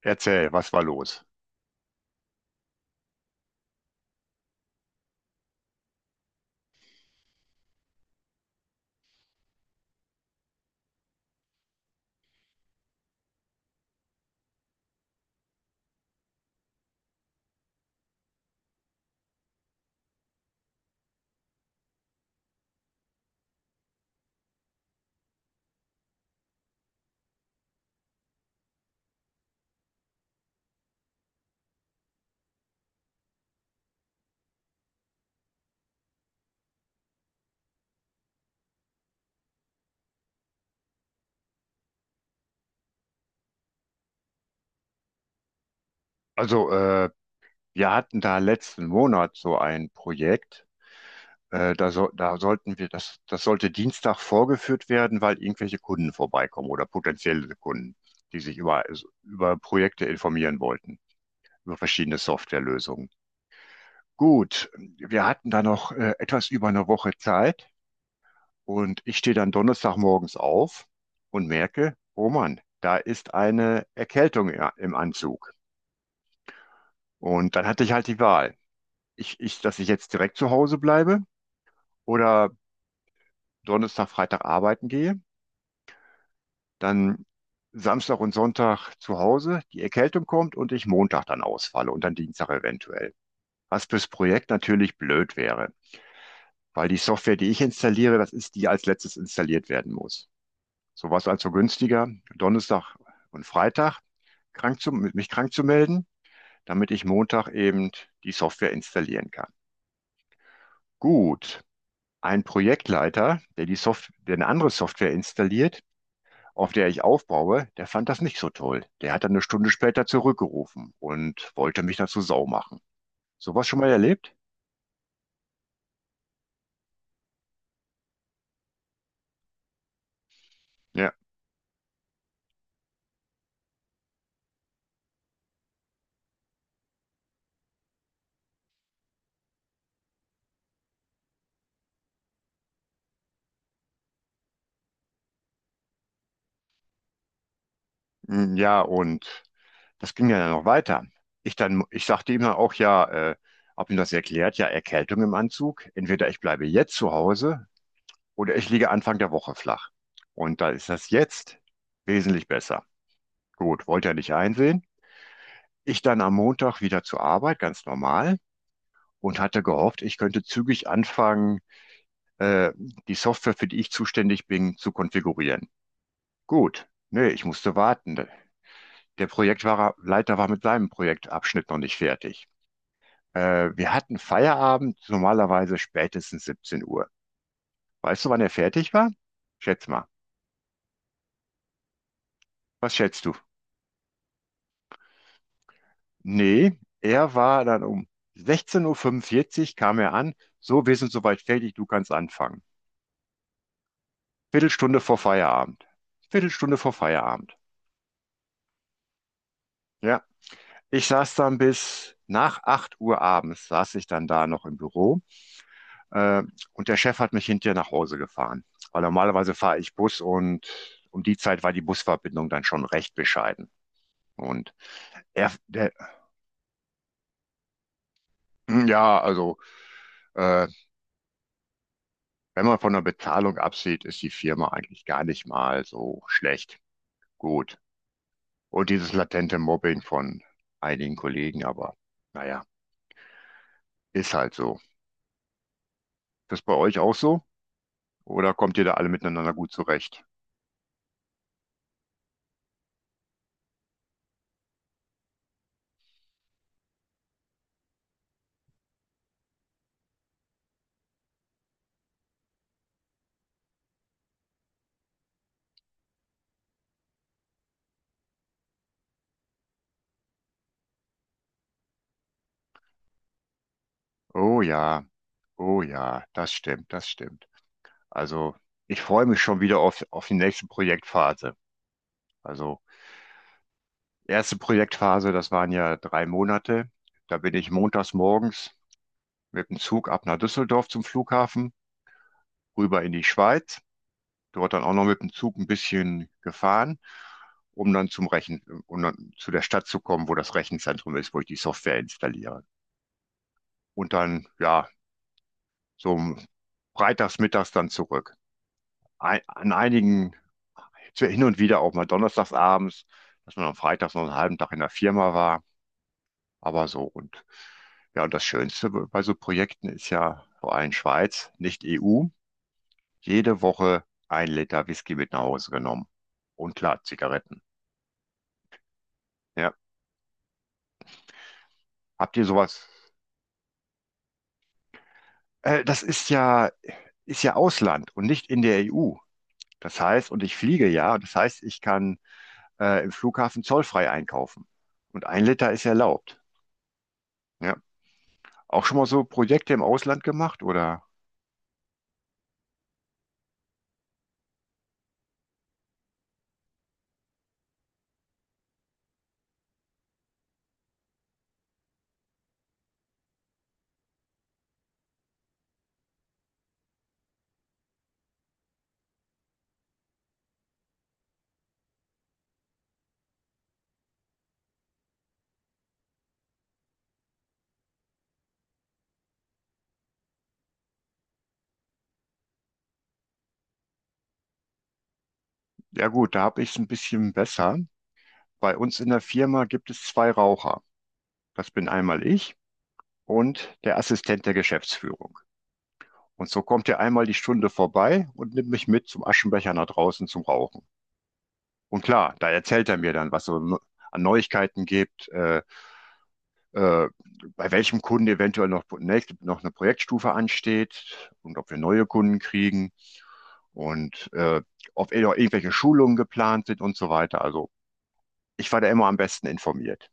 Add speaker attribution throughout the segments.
Speaker 1: Erzähl, was war los? Also, äh, Wir hatten da letzten Monat so ein Projekt. Da sollten wir, das sollte Dienstag vorgeführt werden, weil irgendwelche Kunden vorbeikommen oder potenzielle Kunden, die sich über Projekte informieren wollten, über verschiedene Softwarelösungen. Gut, wir hatten da noch etwas über 1 Woche Zeit, und ich stehe dann Donnerstagmorgens auf und merke, oh Mann, da ist eine Erkältung ja, im Anzug. Und dann hatte ich halt die Wahl. Dass ich jetzt direkt zu Hause bleibe oder Donnerstag, Freitag arbeiten gehe, dann Samstag und Sonntag zu Hause, die Erkältung kommt und ich Montag dann ausfalle und dann Dienstag eventuell. Was fürs Projekt natürlich blöd wäre, weil die Software, die ich installiere, das ist die, als letztes installiert werden muss. So war es also günstiger, Donnerstag und Freitag mich krank zu melden, damit ich Montag eben die Software installieren kann. Gut, ein Projektleiter, der die Soft der eine andere Software installiert, auf der ich aufbaue, der fand das nicht so toll. Der hat dann 1 Stunde später zurückgerufen und wollte mich dazu sau machen. Sowas schon mal erlebt? Ja. Mm, ja, und das ging ja dann noch weiter. Ich sagte ihm dann auch, ja, äh, hab ihm das erklärt, ja, Erkältung im Anzug. Entweder ich bleibe jetzt zu Hause oder ich liege Anfang der Woche flach. Und da ist das jetzt wesentlich besser. Gut, wollte er nicht einsehen. Ich dann am Montag wieder zur Arbeit, ganz normal, und hatte gehofft, ich könnte zügig anfangen, äh, die Software, für die ich zuständig bin, zu konfigurieren. Gut, nee, ich musste warten. Der Projektleiter war mit seinem Projektabschnitt noch nicht fertig. Wir hatten Feierabend, normalerweise spätestens 17 Uhr. Weißt du, wann er fertig war? Schätz mal. Was schätzt du? Nee, er war dann um 16:45 Uhr fünfundvierzig kam er an. So, wir sind soweit fertig, du kannst anfangen. Viertelstunde vor Feierabend. Viertelstunde vor Feierabend. Ja, ich saß dann bis nach 8 Uhr abends, saß ich dann da noch im Büro, äh, und der Chef hat mich hinterher nach Hause gefahren, weil normalerweise fahre ich Bus, und um die Zeit war die Busverbindung dann schon recht bescheiden. Und er, der, ja, also äh, wenn man von der Bezahlung absieht, ist die Firma eigentlich gar nicht mal so schlecht. Gut. Und dieses latente Mobbing von einigen Kollegen, aber naja, ist halt so. Das bei euch auch so? Oder kommt ihr da alle miteinander gut zurecht? Oh ja, oh ja, das stimmt, das stimmt. Also, ich freue mich schon wieder auf die nächste Projektphase. Also, erste Projektphase, das waren ja 3 Monate. Da bin ich montags morgens mit dem Zug ab nach Düsseldorf zum Flughafen, rüber in die Schweiz. Dort dann auch noch mit dem Zug ein bisschen gefahren, um um dann zu der Stadt zu kommen, wo das Rechenzentrum ist, wo ich die Software installiere. Und dann, ja, so um freitags, mittags dann zurück. Ein, an einigen, so hin und wieder auch mal donnerstags abends, dass man am Freitag noch einen halben Tag in der Firma war, aber so. Und ja, und das Schönste bei so Projekten ist ja vor allem Schweiz, nicht EU, jede Woche 1 Liter Whisky mit nach Hause genommen. Und klar, Zigaretten. Ja. Habt ihr sowas? Äh, das ist ja, ist ja Ausland und nicht in der EU. Das heißt, und ich fliege ja, das heißt, ich kann im Flughafen zollfrei einkaufen. Und 1 Liter ist erlaubt. Ja. Auch schon mal so Projekte im Ausland gemacht oder? Ja gut, da habe ich es ein bisschen besser. Bei uns in der Firma gibt es 2 Raucher. Das bin einmal ich und der Assistent der Geschäftsführung. Und so kommt er einmal die Stunde vorbei und nimmt mich mit zum Aschenbecher nach draußen zum Rauchen. Und klar, da erzählt er mir dann, was so an Neuigkeiten gibt, äh, bei welchem Kunden eventuell nächste, noch eine Projektstufe ansteht und ob wir neue Kunden kriegen, und ob eh noch irgendwelche Schulungen geplant sind und so weiter. Also ich war da immer am besten informiert.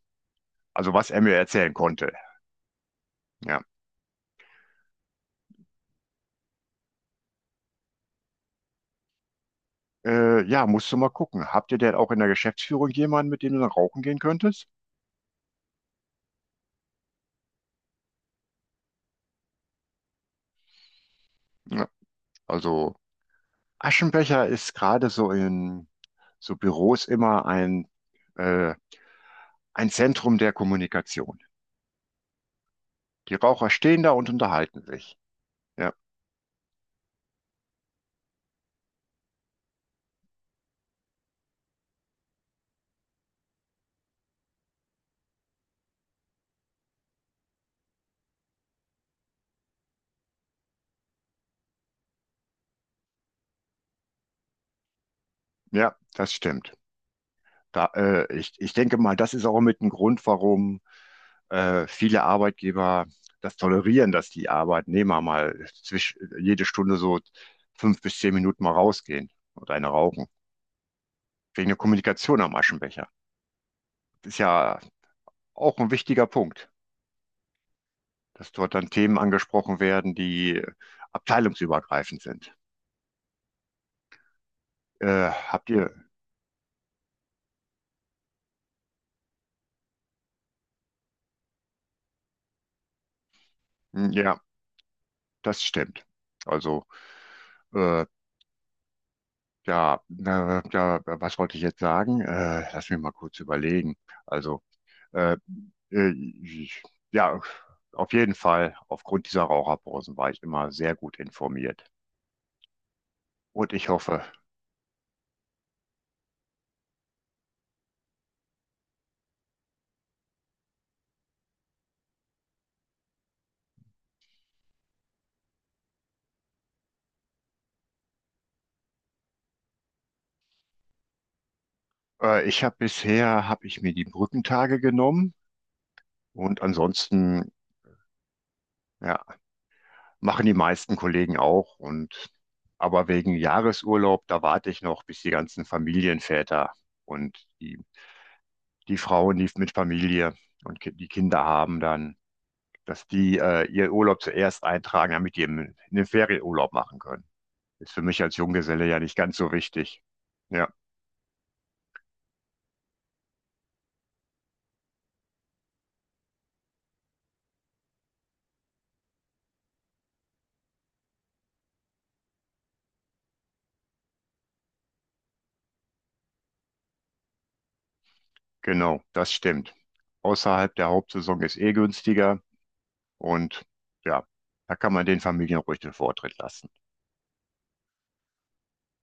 Speaker 1: Also was er mir erzählen konnte. Ja, ja, musst du mal gucken. Habt ihr denn auch in der Geschäftsführung jemanden, mit dem du dann rauchen gehen könntest? Ja, also Aschenbecher ist gerade so in so Büros immer äh, ein Zentrum der Kommunikation. Die Raucher stehen da und unterhalten sich. Ja, ja, das stimmt. Ich denke mal, das ist auch mit ein Grund, warum viele Arbeitgeber das tolerieren, dass die Arbeitnehmer jede Stunde so 5 bis 10 Minuten mal rausgehen und eine rauchen. Wegen der Kommunikation am Aschenbecher. Das ist ja auch ein wichtiger Punkt, dass dort dann Themen angesprochen werden, die abteilungsübergreifend sind. Äh, habt ihr, ja, das stimmt. Also äh, ja, ja, was wollte ich jetzt sagen? Lass mich mal kurz überlegen. Also, äh, äh, ich- ja, auf jeden Fall, aufgrund dieser Raucherpausen war ich immer sehr gut informiert. Und ich hoffe, ich habe bisher, habe ich mir die Brückentage genommen, und ansonsten, ja, machen die meisten Kollegen auch. Und, aber wegen Jahresurlaub, da warte ich noch, bis die ganzen Familienväter und die Frauen, die mit Familie und die Kinder haben, dann dass die ihren Urlaub zuerst eintragen, damit die einen Ferienurlaub machen können. Ist für mich als Junggeselle ja nicht ganz so wichtig. Ja, genau, das stimmt. Außerhalb der Hauptsaison ist eh günstiger, und ja, da kann man den Familien ruhig den Vortritt lassen.